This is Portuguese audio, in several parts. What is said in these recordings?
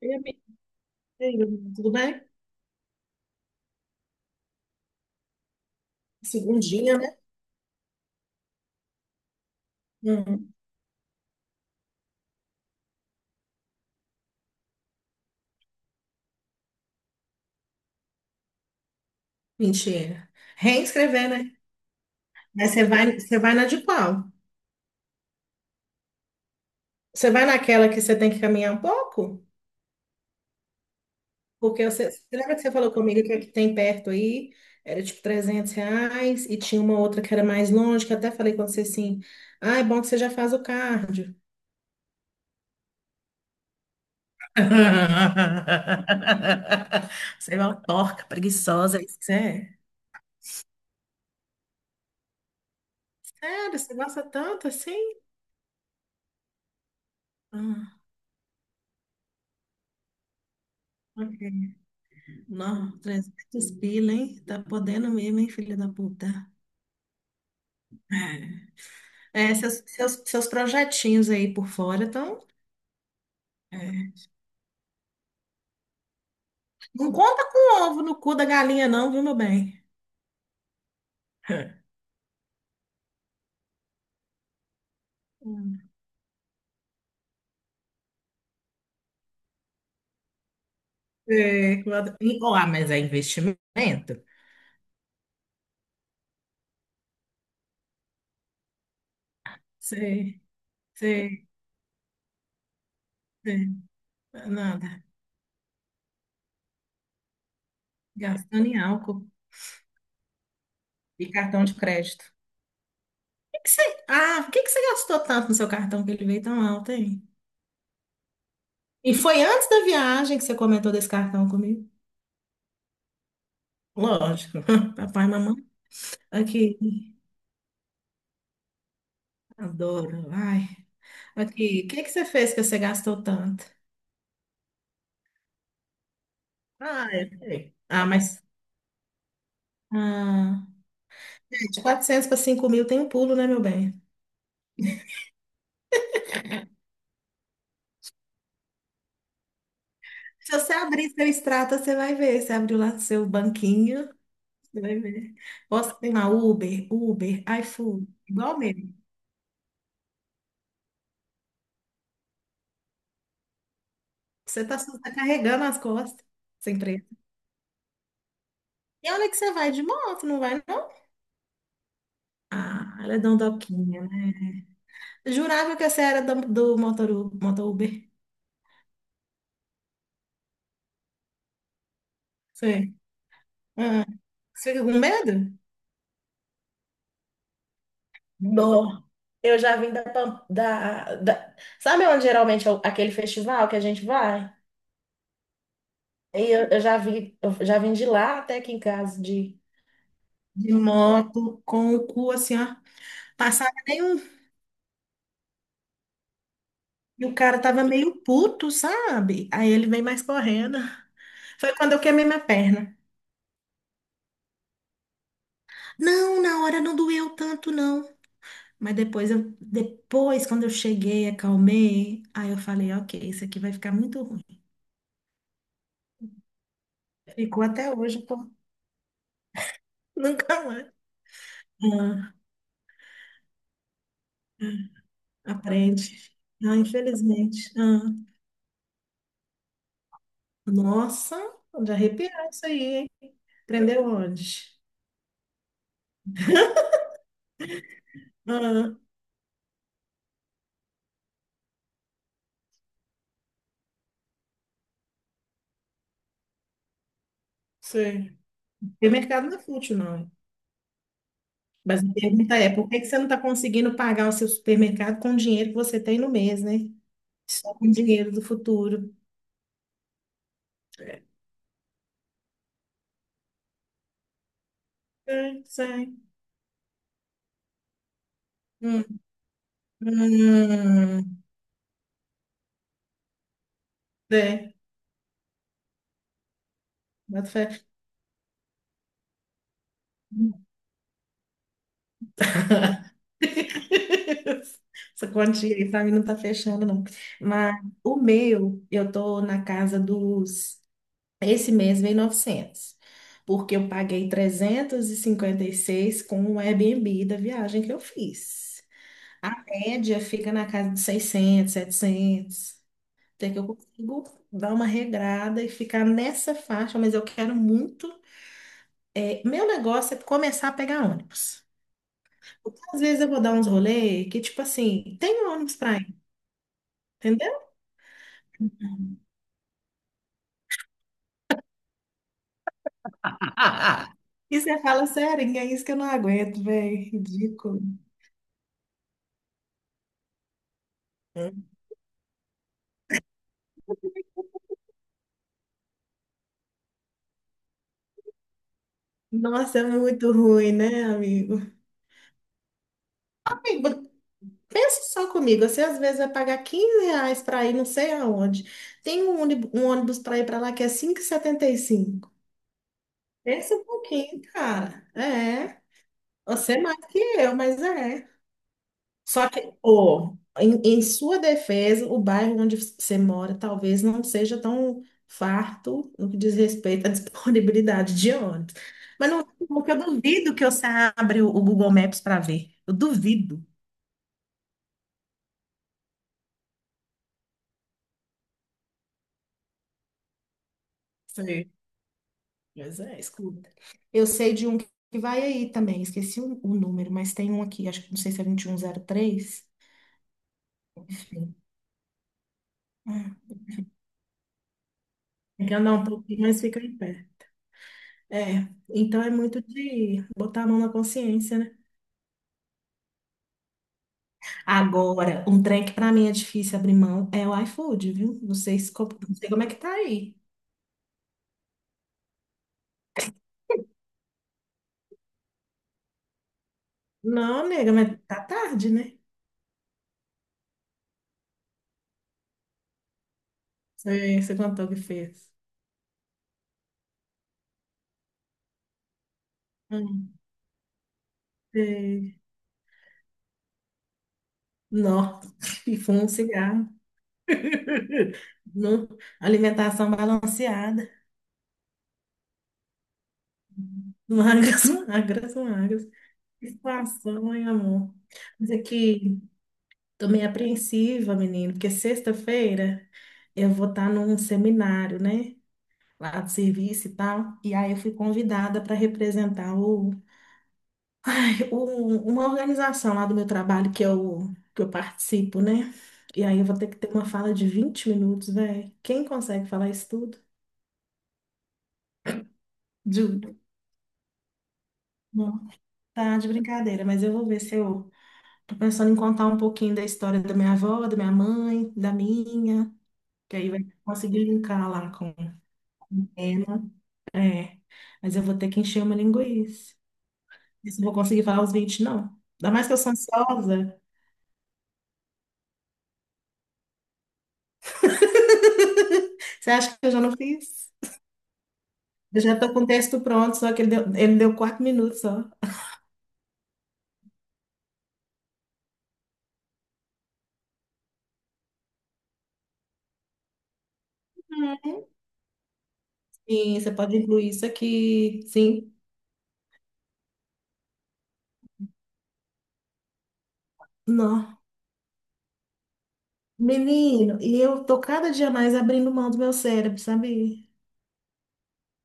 E amiga, e aí, tudo bem? Segundinha, né? Hum, mentira. Reescrever, né? Mas você vai na de qual? Você vai naquela que você tem que caminhar um pouco? Porque você lembra que você falou comigo que a que tem perto aí era tipo R$ 300 e tinha uma outra que era mais longe, que eu até falei com você assim, ah, é bom que você já faz o cardio. Você é uma porca preguiçosa, é isso é. Sério, você gosta tanto assim? Ah, ok. Não, 300 pila, hein? Tá podendo mesmo, hein, filha da puta? É, seus projetinhos aí por fora, então. É, é. Não conta com ovo no cu da galinha, não, viu, meu bem? Hum. É, claro. Ó, ah, mas é investimento. Sei, sei, sei. Nada. Gastando em álcool e cartão de crédito. que que você, ah, por que que você gastou tanto no seu cartão que ele veio tão alto, hein? E foi antes da viagem que você comentou desse cartão comigo? Lógico. Papai e mamãe. Aqui, adoro. Ai, aqui, o que que você fez que você gastou tanto? Ah, é, é. Ah, mas. Ah, de 400 para 5 mil tem um pulo, né, meu bem? Se você abrir seu extrato, você vai ver. Você abriu lá seu banquinho, você vai ver. Posso tem lá Uber, Uber, iFood, igual mesmo. Você tá tá carregando as costas, sem preço. E olha que você vai de moto, não vai, não? Ah, ela é dondoquinha, né? Jurava que você era do motor Uber. Sei. Você fica com medo? Bom, eu já vim da, Pam- da, da- Sabe onde geralmente é aquele festival que a gente vai? E eu já vim de lá até aqui em casa de. De moto, com o cu assim, ó. Passava nem um. E o cara tava meio puto, sabe? Aí ele vem mais correndo. Foi quando eu queimei minha perna. Não, na hora não doeu tanto, não. Mas depois quando eu cheguei, acalmei. Aí eu falei, ok, isso aqui vai ficar muito ruim. Ficou até hoje, nunca mais. Ah, aprende. Ah, infelizmente. Ah, nossa, de arrepiar isso aí, hein? Aprendeu onde? Ah, sei. Supermercado não é fútil, não. Mas a pergunta é, por que que você não está conseguindo pagar o seu supermercado com o dinheiro que você tem no mês, né? Só com o dinheiro do futuro. Sei, sei. Hum, hum, sei. Boto fé. Essa quantia aí pra mim não tá fechando, não. Mas o meu, eu tô na casa dos. Esse mês veio 900 porque eu paguei trezentos e cinquenta e seis com o Airbnb da viagem que eu fiz. A média fica na casa de 600, 700. Até que eu consigo dar uma regrada e ficar nessa faixa, mas eu quero muito. É, meu negócio é começar a pegar ônibus. Às vezes eu vou dar uns rolê que, tipo assim, tem ônibus pra ir, entendeu? E você fala, sério, é isso que eu não aguento, velho. Ridículo. Nossa, é muito ruim, né, amigo? Amigo, pensa só comigo. Você às vezes vai pagar R$ 15 para ir não sei aonde. Tem um ônibus para ir para lá que é 5,75. Pensa um pouquinho, cara. É. Você é mais que eu, mas é. Só que, ô, em sua defesa, o bairro onde você mora talvez não seja tão farto no que diz respeito à disponibilidade de ônibus. Mas não, porque eu duvido que você abra o Google Maps para ver. Eu duvido. Sei. Mas é, escuta. Eu sei de um que vai aí também, esqueci o número, mas tem um aqui, acho que não sei se é 2103. Ah, tem que andar um pouquinho, mas fica em pé. É, então é muito de botar a mão na consciência, né? Agora, um trem que pra mim é difícil abrir mão é o iFood, viu? Não sei, se, co- não sei como é que tá aí. Não, nega, mas tá tarde, né? Você contou o que fez. Hum, sei. Nossa, e fuma um cigarro. Não, alimentação balanceada. Magras, magras, magras. Que situação, hein, amor? Mas é que tô meio apreensiva, menino, porque sexta-feira eu vou estar num seminário, né? Lá do serviço e tal. E aí eu fui convidada para representar uma organização lá do meu trabalho que eu participo, né? E aí eu vou ter que ter uma fala de 20 minutos, velho. Quem consegue falar isso tudo? Juro. Não, tá de brincadeira, mas eu vou ver se eu tô pensando em contar um pouquinho da história da minha avó, da minha mãe, que aí vai conseguir linkar lá com ela. É, mas eu vou ter que encher uma linguiça. Isso, não vou conseguir falar os 20 não. Ainda mais que eu sou ansiosa. Você acha que eu já não fiz? Eu já estou com o texto pronto, só que ele deu 4 minutos só. Uhum. Sim, você pode incluir isso aqui. Sim. Não. Menino, e eu tô cada dia mais abrindo mão do meu cérebro, sabe?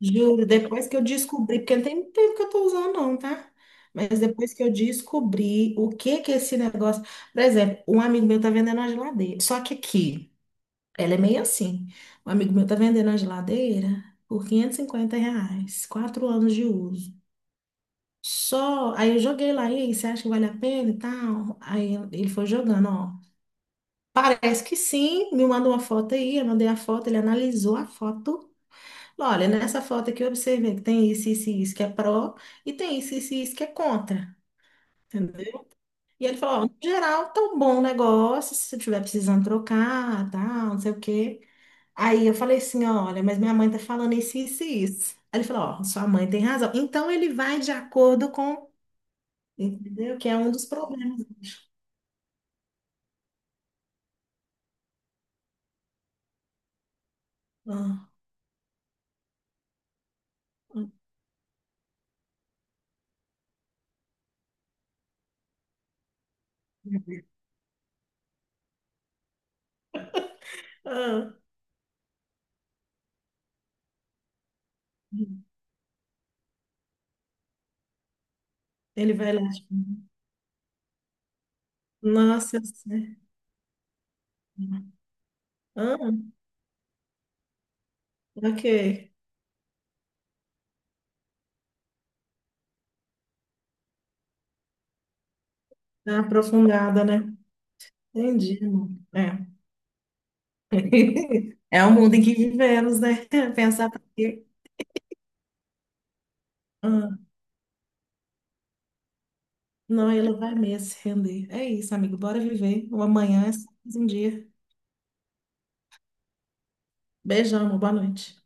Juro, depois que eu descobri, porque não tem tempo que eu tô usando, não, tá? Mas depois que eu descobri o que que é esse negócio. Por exemplo, um amigo meu tá vendendo uma geladeira. Só que aqui. Ela é meio assim. Um amigo meu tá vendendo a geladeira por R$ 550, 4 anos de uso. Só, aí eu joguei lá, e aí, você acha que vale a pena e tal? Aí ele foi jogando, ó. Parece que sim, me mandou uma foto aí, eu mandei a foto, ele analisou a foto. Falou, olha, nessa foto aqui eu observei que tem isso, isso e isso que é pró, e tem isso, isso e isso que é contra. Entendeu? E ele falou, ó, no geral, tá um bom negócio, se você estiver precisando trocar, tal, não sei o quê. Aí eu falei assim, olha, mas minha mãe tá falando isso, isso e isso. Aí ele falou, ó, sua mãe tem razão. Então ele vai de acordo com, entendeu? Que é um dos problemas. Ah, ah, ele vai lá, tipo, nossa, eu sei. Ah, ok. Tá aprofundada, né? Entendi, amor. É. É o mundo em que vivemos, né? Pensar pra quê? Ah, não, ele vai mesmo se render. É isso, amigo. Bora viver. O amanhã é só mais um dia. Beijão, amor. Boa noite.